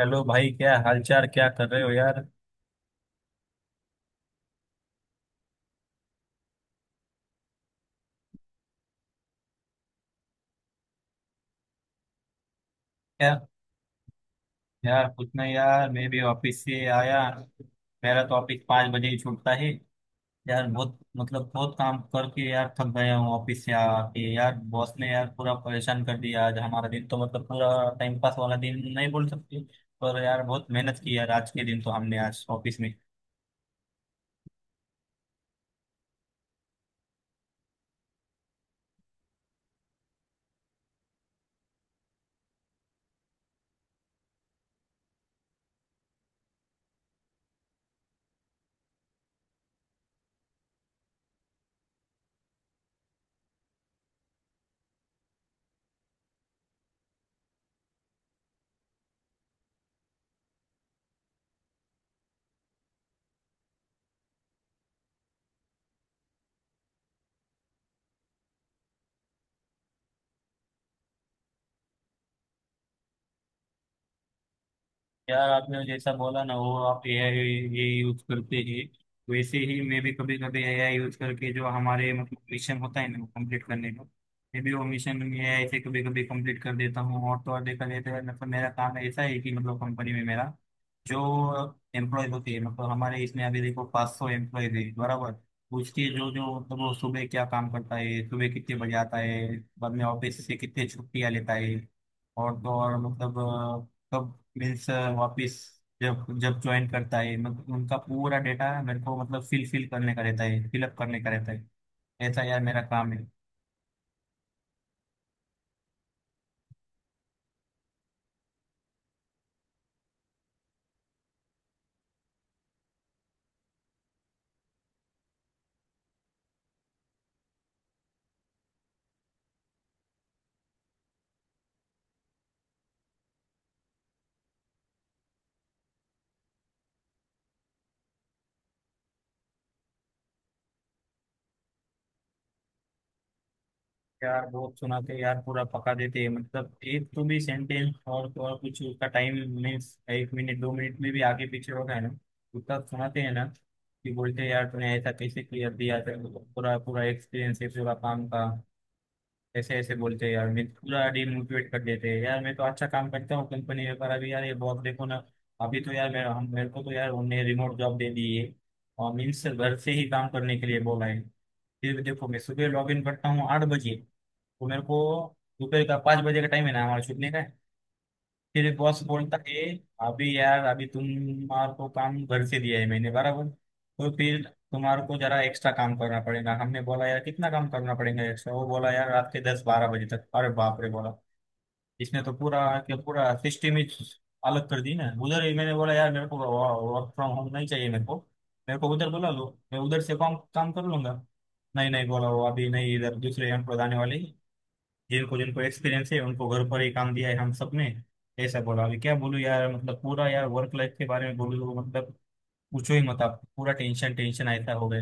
Hello भाई, क्या हालचाल? क्या कर रहे हो यार? क्या? यार कुछ नहीं यार, मैं भी ऑफिस से आया। मेरा तो ऑफिस 5 बजे ही छूटता है। यार बहुत बहुत काम करके यार थक गया हूँ। ऑफिस से आके यार बॉस ने यार पूरा परेशान कर दिया। आज हमारा दिन तो मतलब पूरा टाइम पास वाला दिन नहीं बोल सकते। पर यार बहुत मेहनत की यार आज के दिन तो हमने आज ऑफिस में। यार आपने जैसा बोला ना, वो आप एआई ये यूज करते हैं। वैसे ही मैं भी कभी कभी एआई यूज करके जो हमारे मतलब मिशन होता है ना, वो कंप्लीट करने का, मैं भी वो मिशन एआई से कभी कभी कंप्लीट कर देता हूँ। और तो और देखा जाता है, मतलब मेरा काम ऐसा है कि मतलब कंपनी में मेरा जो एम्प्लॉय होते हैं, मतलब हमारे इसमें अभी देखो 500 एम्प्लॉय है बराबर। उसके जो जो मतलब वो सुबह क्या काम करता है, सुबह कितने बजे आता है, बाद में ऑफिस से कितने छुट्टियाँ लेता है, और तो और मतलब कब, मीन्स वापस जब जब ज्वाइन करता है, मतलब उनका पूरा डेटा मेरे को मतलब फिल फिल करने का रहता है, फिलअप करने का रहता है। ऐसा यार मेरा काम है। यार बहुत सुनाते हैं यार, पूरा पका देते हैं। मतलब एक तो भी सेंटेंस, और तो और कुछ उसका टाइम मीन्स 1 मिनट 2 मिनट में भी आगे पीछे होगा है ना, उतना सुनाते हैं ना। कि बोलते हैं यार तूने ऐसा कैसे क्लियर दिया, तेरे को पूरा पूरा एक्सपीरियंस है पूरा काम का। ऐसे ऐसे बोलते हैं यार, मैं पूरा डिमोटिवेट कर देते हैं यार। मैं तो अच्छा काम करता हूँ कंपनी में, पर अभी यार ये बॉस देखो ना। अभी तो यार मेरा हम मेरे को तो यार उन्होंने रिमोट जॉब दे दी है, और मीन्स घर से ही काम करने के लिए बोला है। फिर भी देखो, मैं सुबह लॉग इन करता हूँ 8 बजे, तो मेरे को दोपहर का 5 बजे का टाइम है ना हमारा छूटने का। फिर बॉस बोलता है अभी यार, अभी तुम्हारे को काम घर से दिया है मैंने बराबर, तो फिर तुम्हारे को जरा एक्स्ट्रा काम करना पड़ेगा। हमने बोला यार कितना काम करना पड़ेगा एक्स्ट्रा? वो बोला यार रात के 10-12 बजे तक। अरे बाप रे! बोला इसने तो पूरा के पूरा सिस्टम ही अलग कर दी ना उधर ही। मैंने बोला यार मेरे को वर्क फ्रॉम होम नहीं चाहिए, मेरे को उधर बुला लो, मैं उधर से काम काम कर लूंगा। नहीं नहीं बोला वो, अभी नहीं, इधर दूसरे एम्प्लॉय आने वाले हैं। जिनको जिनको एक्सपीरियंस है उनको घर पर ही काम दिया है, हम सबने ऐसा बोला। अभी क्या बोलूं यार, मतलब पूरा यार वर्क लाइफ के बारे में बोलूं तो मतलब पूछो ही मत आप, पूरा टेंशन टेंशन ऐसा हो गया।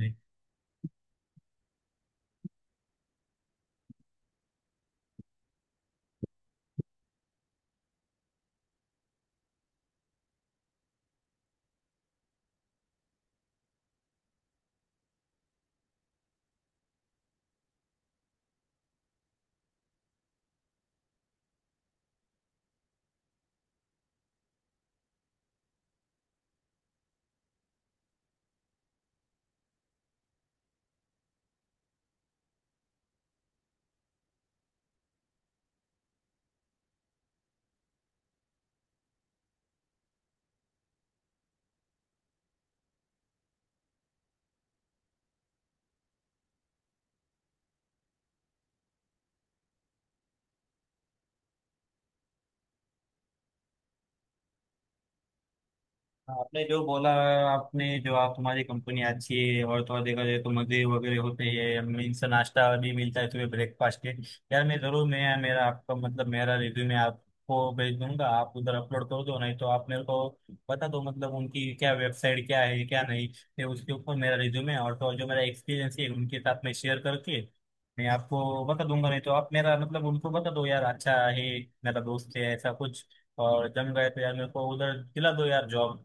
आपने जो बोला, आपने जो आप तुम्हारी कंपनी अच्छी है, और तो और देखा जाए तो मजे वगैरह होते हैं, मीन्स नाश्ता भी मिलता है तुम्हें ब्रेकफास्ट के। यार मैं जरूर मैं मेरा आपका मतलब मेरा रिज्यूमे आपको भेज दूंगा, आप उधर अपलोड कर दो। नहीं तो आप मेरे को बता दो मतलब उनकी क्या वेबसाइट क्या है, क्या नहीं। फिर उसके ऊपर मेरा रिज्यूमे और तो और जो मेरा एक्सपीरियंस है उनके साथ में शेयर करके मैं आपको बता दूंगा। नहीं तो आप मेरा मतलब उनको बता दो, यार अच्छा है मेरा दोस्त है, ऐसा कुछ। और जम गए तो यार मेरे को उधर दिला दो यार जॉब।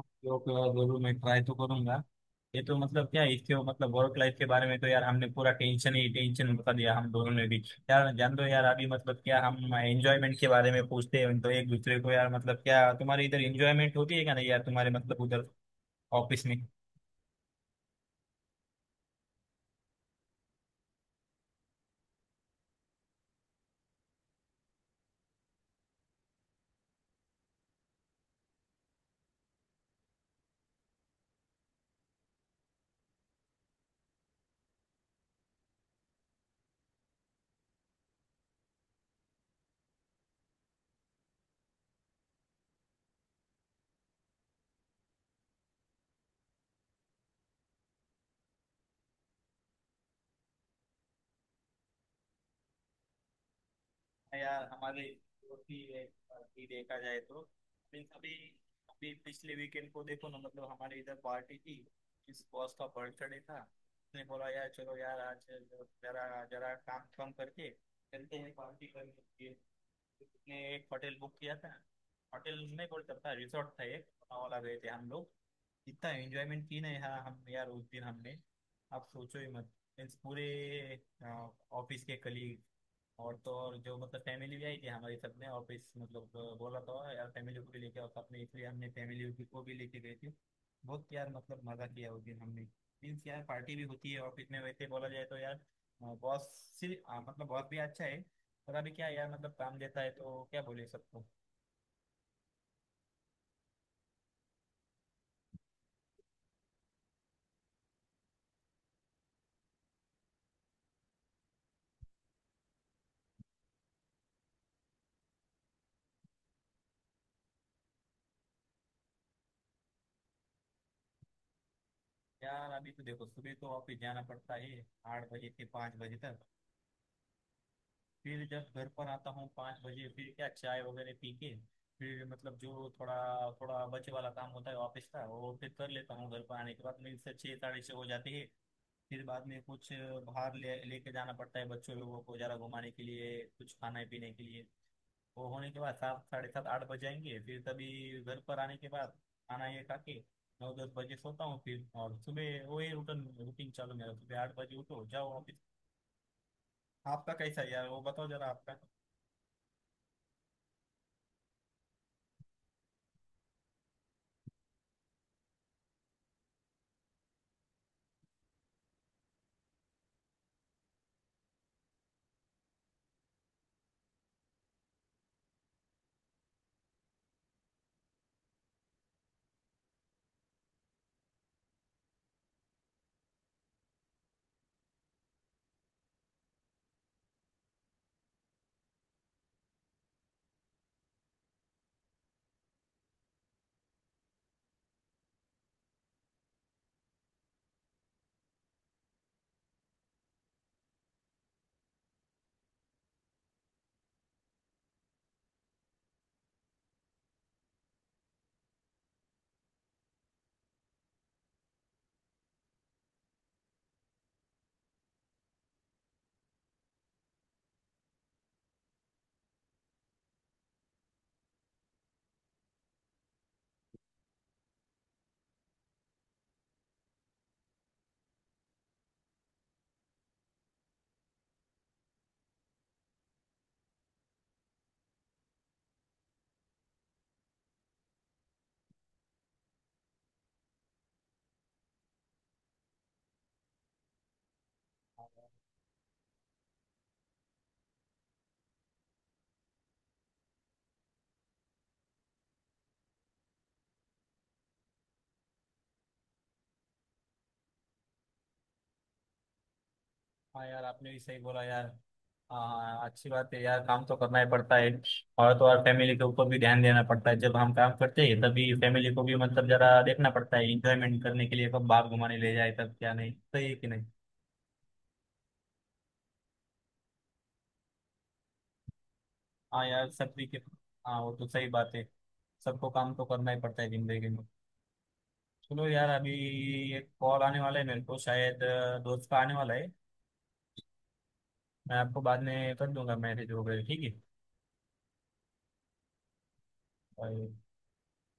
ओके, और जरूर मैं ट्राई तो करूंगा। ये तो मतलब क्या है, इसके मतलब वर्क लाइफ के बारे में तो यार हमने पूरा टेंशन ही टेंशन बता दिया हम दोनों ने भी। यार जान दो यार। अभी मतलब क्या, हम एंजॉयमेंट के बारे में पूछते हैं तो एक दूसरे को, यार मतलब क्या तुम्हारे इधर एंजॉयमेंट होती है क्या नहीं यार तुम्हारे मतलब उधर ऑफिस में? यार हमारे ही है। अभी देखा जाए तो अभी अभी अभी पिछले वीकेंड को देखो ना, मतलब हमारे इधर पार्टी थी। किस बॉस का बर्थडे था। उसने बोला यार चलो यार आज जरा जरा काम कम करके चलते हैं पार्टी करने के लिए। उसने एक होटल बुक किया था। होटल नहीं बोल सकता, रिसोर्ट था एक, वहाँ वाला गए थे हम लोग। इतना एंजॉयमेंट की ना यार, हम यार उस दिन हमने आप सोचो ही मत। मीन्स पूरे ऑफिस के कलीग, और तो और जो मतलब फैमिली भी आई थी हमारी सबने। और फिर मतलब बोला तो यार फैमिली को भी लेके आओ साथ में, इसलिए हमने को भी लेके गए थे। बहुत यार मतलब मजा किया उस दिन हमने। मीन्स यार पार्टी भी होती है ऑफिस में, वैसे बोला जाए तो यार। बॉस सिर्फ मतलब बॉस भी अच्छा है। पर अभी क्या है यार, मतलब काम देता है तो क्या बोले सबको। यार अभी तो देखो सुबह तो ऑफिस जाना पड़ता है, 8 बजे से 5 बजे तक। फिर जब घर पर आता हूँ 5 बजे, फिर क्या चाय वगैरह पी के, फिर मतलब जो थोड़ा थोड़ा बचे वाला काम होता है ऑफिस का, वो फिर कर लेता हूँ घर पर आने के बाद। मेरे से 6 साढ़े 6 हो जाती है। फिर बाद में कुछ बाहर ले लेके जाना पड़ता है बच्चों लोगों को ज़रा घुमाने के लिए, कुछ खाने पीने के लिए। वो होने के बाद 7 साढ़े 7 8 बज जाएंगे, फिर तभी घर पर आने के बाद खाना ये खा के 9-10 बजे सोता हूँ। फिर और सुबह वही रूटीन रूटीन चालू, मेरा सुबह 8 बजे उठो जाओ ऑफिस। आपका कैसा है यार, वो बताओ जरा आपका। हाँ यार आपने भी सही बोला यार। हाँ, अच्छी बात है यार, काम तो करना ही पड़ता है। और तो और फैमिली के ऊपर भी ध्यान देना पड़ता है। जब हम काम करते हैं, तभी फैमिली को भी मतलब जरा देखना पड़ता है, इंजॉयमेंट करने के लिए कब बाहर घुमाने ले जाए, तब क्या नहीं। सही है कि नहीं? हाँ यार सभी के। हाँ वो तो सही बात है, सबको काम तो करना ही पड़ता है जिंदगी में। चलो यार अभी एक कॉल आने वाला है मेरे को शायद, दोस्त का आने वाला है। मैं आपको बाद में कर दूंगा मैसेज वगैरह, ठीक है? Bye.